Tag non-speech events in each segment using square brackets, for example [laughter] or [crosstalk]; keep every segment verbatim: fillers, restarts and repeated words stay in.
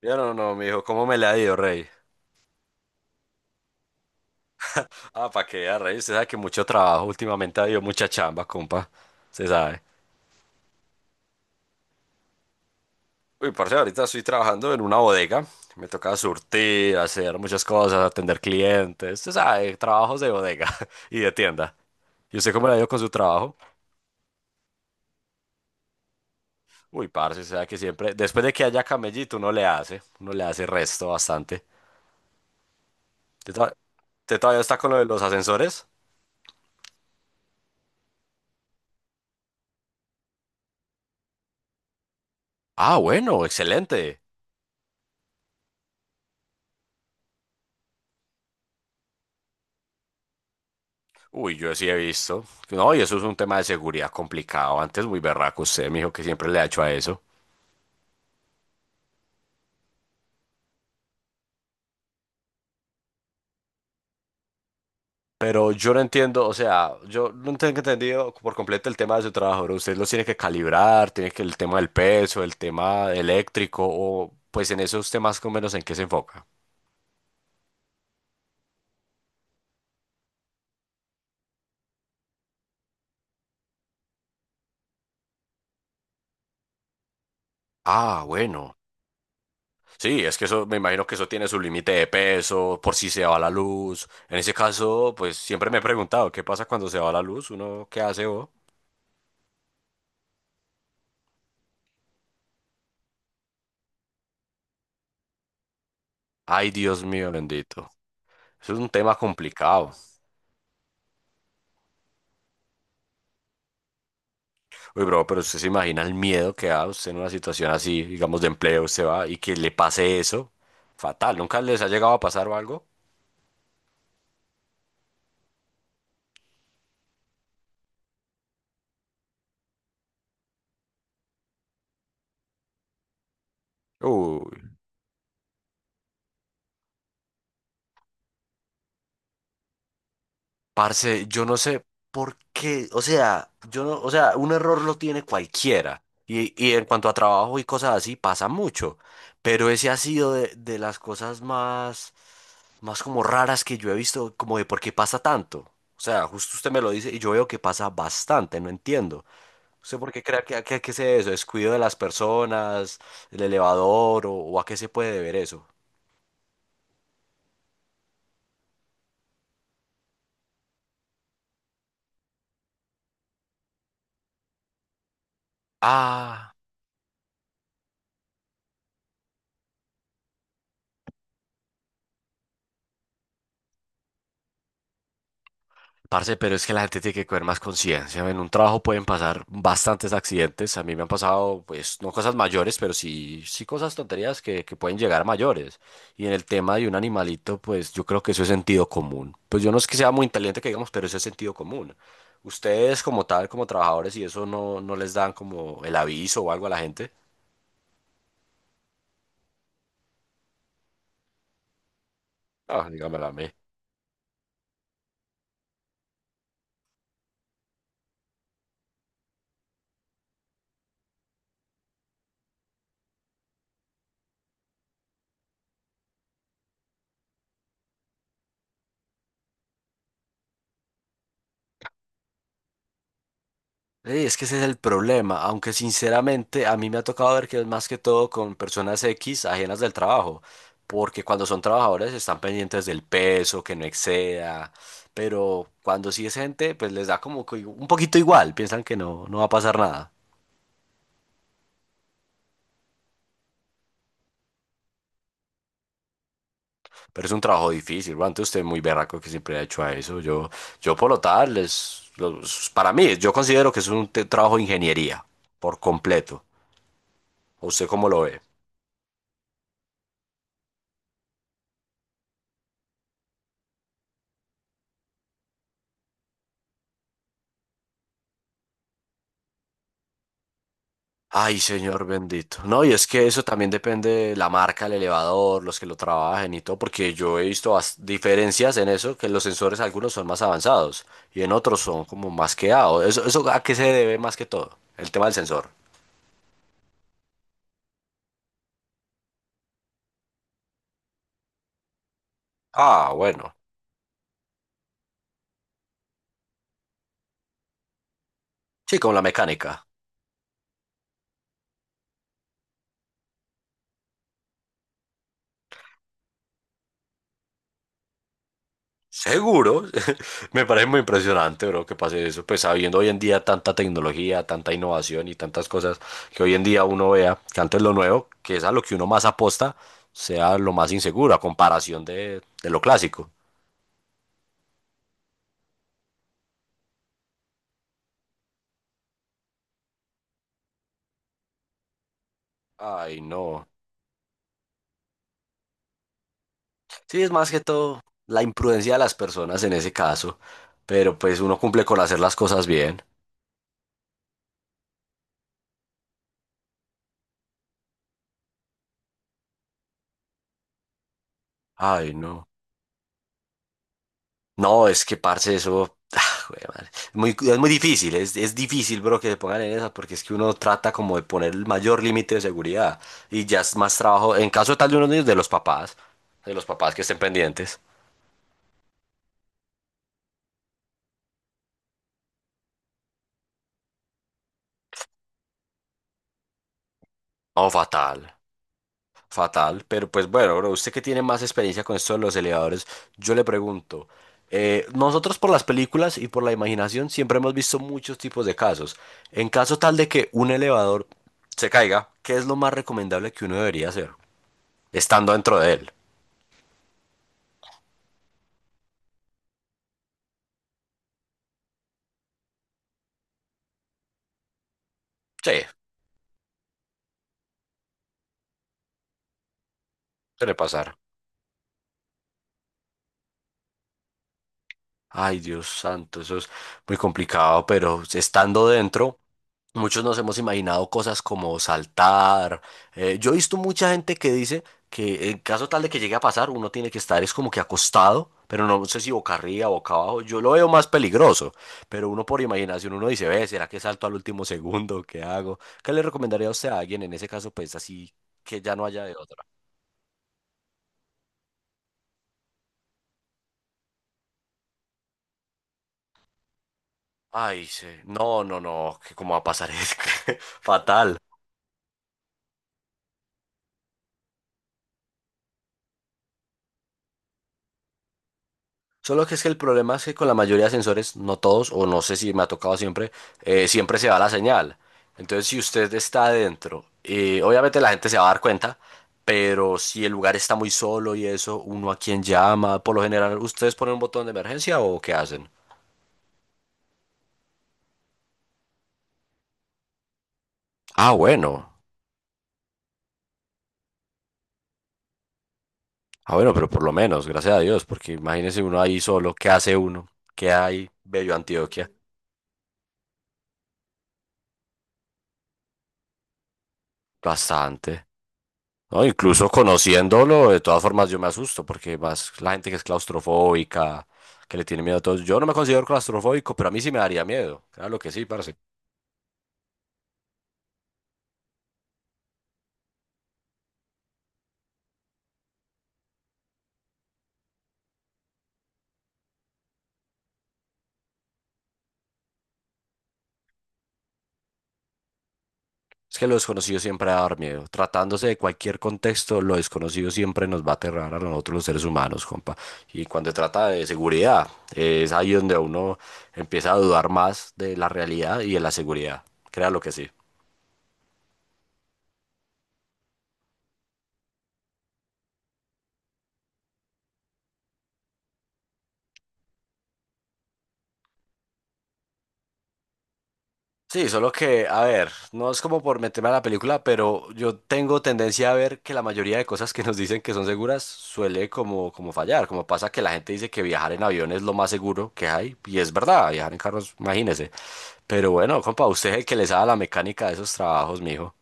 Ya no, no, mijo, ¿cómo me le ha ido, rey? Ah, pa' que vea, rey, usted sabe que mucho trabajo últimamente ha habido mucha chamba, compa, se sabe. Uy, parce, ahorita estoy trabajando en una bodega, me toca surtir, hacer muchas cosas, atender clientes, se sabe, trabajos de bodega [laughs] y de tienda. ¿Y usted cómo le ha ido con su trabajo? Uy, parce, se sabe que siempre, después de que haya camellito, uno le hace, uno le hace resto bastante. ¿Usted to- ¿Usted todavía está con lo de los ascensores? Ah, bueno, excelente. Uy, yo sí he visto. No, y eso es un tema de seguridad complicado. Antes muy berraco usted, me dijo que siempre le ha hecho a eso. Pero yo no entiendo, o sea, yo no tengo entendido por completo el tema de su trabajo, ¿no? Usted los tiene que calibrar, tiene que el tema del peso, el tema eléctrico, o pues en esos temas con menos en qué se enfoca. Ah, bueno. Sí, es que eso, me imagino que eso tiene su límite de peso, por si se va la luz. En ese caso, pues siempre me he preguntado, ¿qué pasa cuando se va la luz? ¿Uno qué hace, vos? Ay, Dios mío, bendito. Eso es un tema complicado. Uy, bro, pero usted se imagina el miedo que da usted en una situación así, digamos, de empleo, usted va y que le pase eso. Fatal, ¿nunca les ha llegado a pasar o algo? Uy, parce, yo no sé por qué, o sea, yo no, o sea, un error lo tiene cualquiera. Y, y en cuanto a trabajo y cosas así, pasa mucho. Pero ese ha sido de, de las cosas más, más como raras que yo he visto, como de por qué pasa tanto. O sea, justo usted me lo dice y yo veo que pasa bastante, no entiendo. ¿Usted por qué cree que, que, que es eso? ¿Descuido de las personas, el elevador o, o a qué se puede deber eso? Ah, parce, pero es que la gente tiene que coger más conciencia. En un trabajo pueden pasar bastantes accidentes. A mí me han pasado, pues, no cosas mayores, pero sí, sí cosas tonterías que, que pueden llegar a mayores. Y en el tema de un animalito, pues yo creo que eso es sentido común. Pues yo no es que sea muy inteligente que digamos, pero eso es sentido común. Ustedes como tal, como trabajadores, y eso no, no les dan como el aviso o algo a la gente. Ah, dígamelo a mí. Sí, es que ese es el problema, aunque sinceramente a mí me ha tocado ver que es más que todo con personas X ajenas del trabajo, porque cuando son trabajadores están pendientes del peso, que no exceda, pero cuando sí es gente, pues les da como que un poquito igual, piensan que no, no va a pasar nada. Pero es un trabajo difícil, antes usted muy berraco que siempre ha hecho a eso, yo, yo por lo tal, es, los- para mí, yo considero que es un te- trabajo de ingeniería, por completo. ¿Usted cómo lo ve? Ay, señor bendito. No, y es que eso también depende de la marca, el elevador, los que lo trabajen y todo, porque yo he visto bas- diferencias en eso, que los sensores algunos son más avanzados y en otros son como más quedados. Eso, eso a qué se debe más que todo, el tema del sensor. Ah, bueno. Sí, como la mecánica. Seguro, [laughs] me parece muy impresionante, bro, que pase eso, pues sabiendo hoy en día tanta tecnología, tanta innovación y tantas cosas que hoy en día uno vea, que antes lo nuevo, que es a lo que uno más aposta, sea lo más inseguro a comparación de, de lo clásico. Ay, no. Sí, es más que todo la imprudencia de las personas en ese caso, pero pues uno cumple con hacer las cosas bien. Ay, no. No, es que parce, eso. [laughs] [sighs] Ah, güey, madre. Es muy, es muy difícil, es, es difícil, bro, que se pongan en esa, porque es que uno trata como de poner el mayor límite de seguridad y ya es más trabajo, en caso tal de unos niños, de los papás, de los papás que estén pendientes. Oh, fatal, fatal, pero pues bueno, bro, usted que tiene más experiencia con esto de los elevadores, yo le pregunto, eh, nosotros por las películas y por la imaginación siempre hemos visto muchos tipos de casos. En caso tal de que un elevador se caiga, ¿qué es lo más recomendable que uno debería hacer estando dentro de él? Sí, suele pasar. Ay, Dios santo, eso es muy complicado, pero estando dentro, muchos nos hemos imaginado cosas como saltar. Eh, yo he visto mucha gente que dice que en caso tal de que llegue a pasar, uno tiene que estar es como que acostado, pero no sé si boca arriba, boca abajo. Yo lo veo más peligroso, pero uno por imaginación, uno dice, ve, ¿será que salto al último [laughs] segundo? ¿Qué hago? ¿Qué le recomendaría a usted a alguien en ese caso, pues así que ya no haya de otra? Ay, sí. No, no, no, que cómo va a pasar es que- [laughs] fatal. Solo que es que el problema es que con la mayoría de sensores, no todos, o no sé si me ha tocado siempre, eh, siempre se va la señal. Entonces, si usted está adentro, eh, obviamente la gente se va a dar cuenta, pero si el lugar está muy solo y eso, uno a quién llama, por lo general, ¿ustedes ponen un botón de emergencia o qué hacen? Ah, bueno. Ah, bueno, pero por lo menos, gracias a Dios, porque imagínese uno ahí solo, ¿qué hace uno? ¿Qué hay, bello Antioquia? Bastante. No, incluso conociéndolo, de todas formas yo me asusto porque más la gente que es claustrofóbica, que le tiene miedo a todo, eso. Yo no me considero claustrofóbico, pero a mí sí me daría miedo. Claro que sí, parce. Es que lo desconocido siempre va a dar miedo. Tratándose de cualquier contexto, lo desconocido siempre nos va a aterrar a nosotros los seres humanos, compa. Y cuando se trata de seguridad, es ahí donde uno empieza a dudar más de la realidad y de la seguridad. Créalo que sí. Sí, solo que, a ver, no es como por meterme a la película, pero yo tengo tendencia a ver que la mayoría de cosas que nos dicen que son seguras suele como, como fallar, como pasa que la gente dice que viajar en avión es lo más seguro que hay, y es verdad, viajar en carros, imagínese. Pero bueno, compa, usted es el que le sabe la mecánica de esos trabajos, mijo.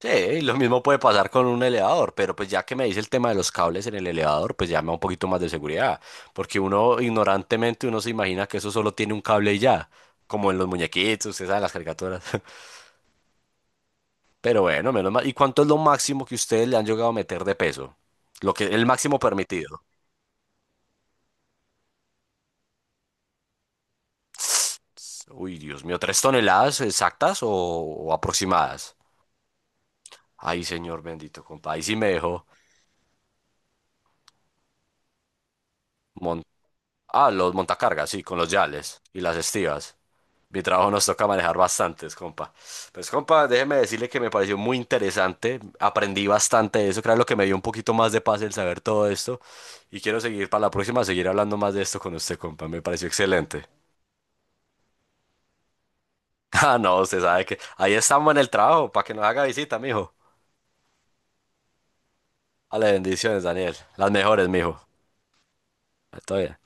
Sí, y lo mismo puede pasar con un elevador, pero pues ya que me dice el tema de los cables en el elevador, pues ya me da un poquito más de seguridad, porque uno ignorantemente uno se imagina que eso solo tiene un cable y ya, como en los muñequitos, ustedes saben las caricaturas. Pero bueno, menos mal. ¿Y cuánto es lo máximo que ustedes le han llegado a meter de peso? Lo que, el máximo permitido. Uy, Dios mío, ¿tres toneladas exactas o, o aproximadas? Ay, señor bendito, compa. Ahí sí me dejó. Mon- ah, los montacargas, sí, con los yales y las estivas. Mi trabajo nos toca manejar bastantes, compa. Pues, compa, déjeme decirle que me pareció muy interesante. Aprendí bastante de eso. Creo que es lo que me dio un poquito más de paz el saber todo esto. Y quiero seguir para la próxima, seguir hablando más de esto con usted, compa. Me pareció excelente. [laughs] Ah, no, usted sabe que ahí estamos en el trabajo para que nos haga visita, mijo. Dale, bendiciones, Daniel. Las mejores, mijo. Todo bien.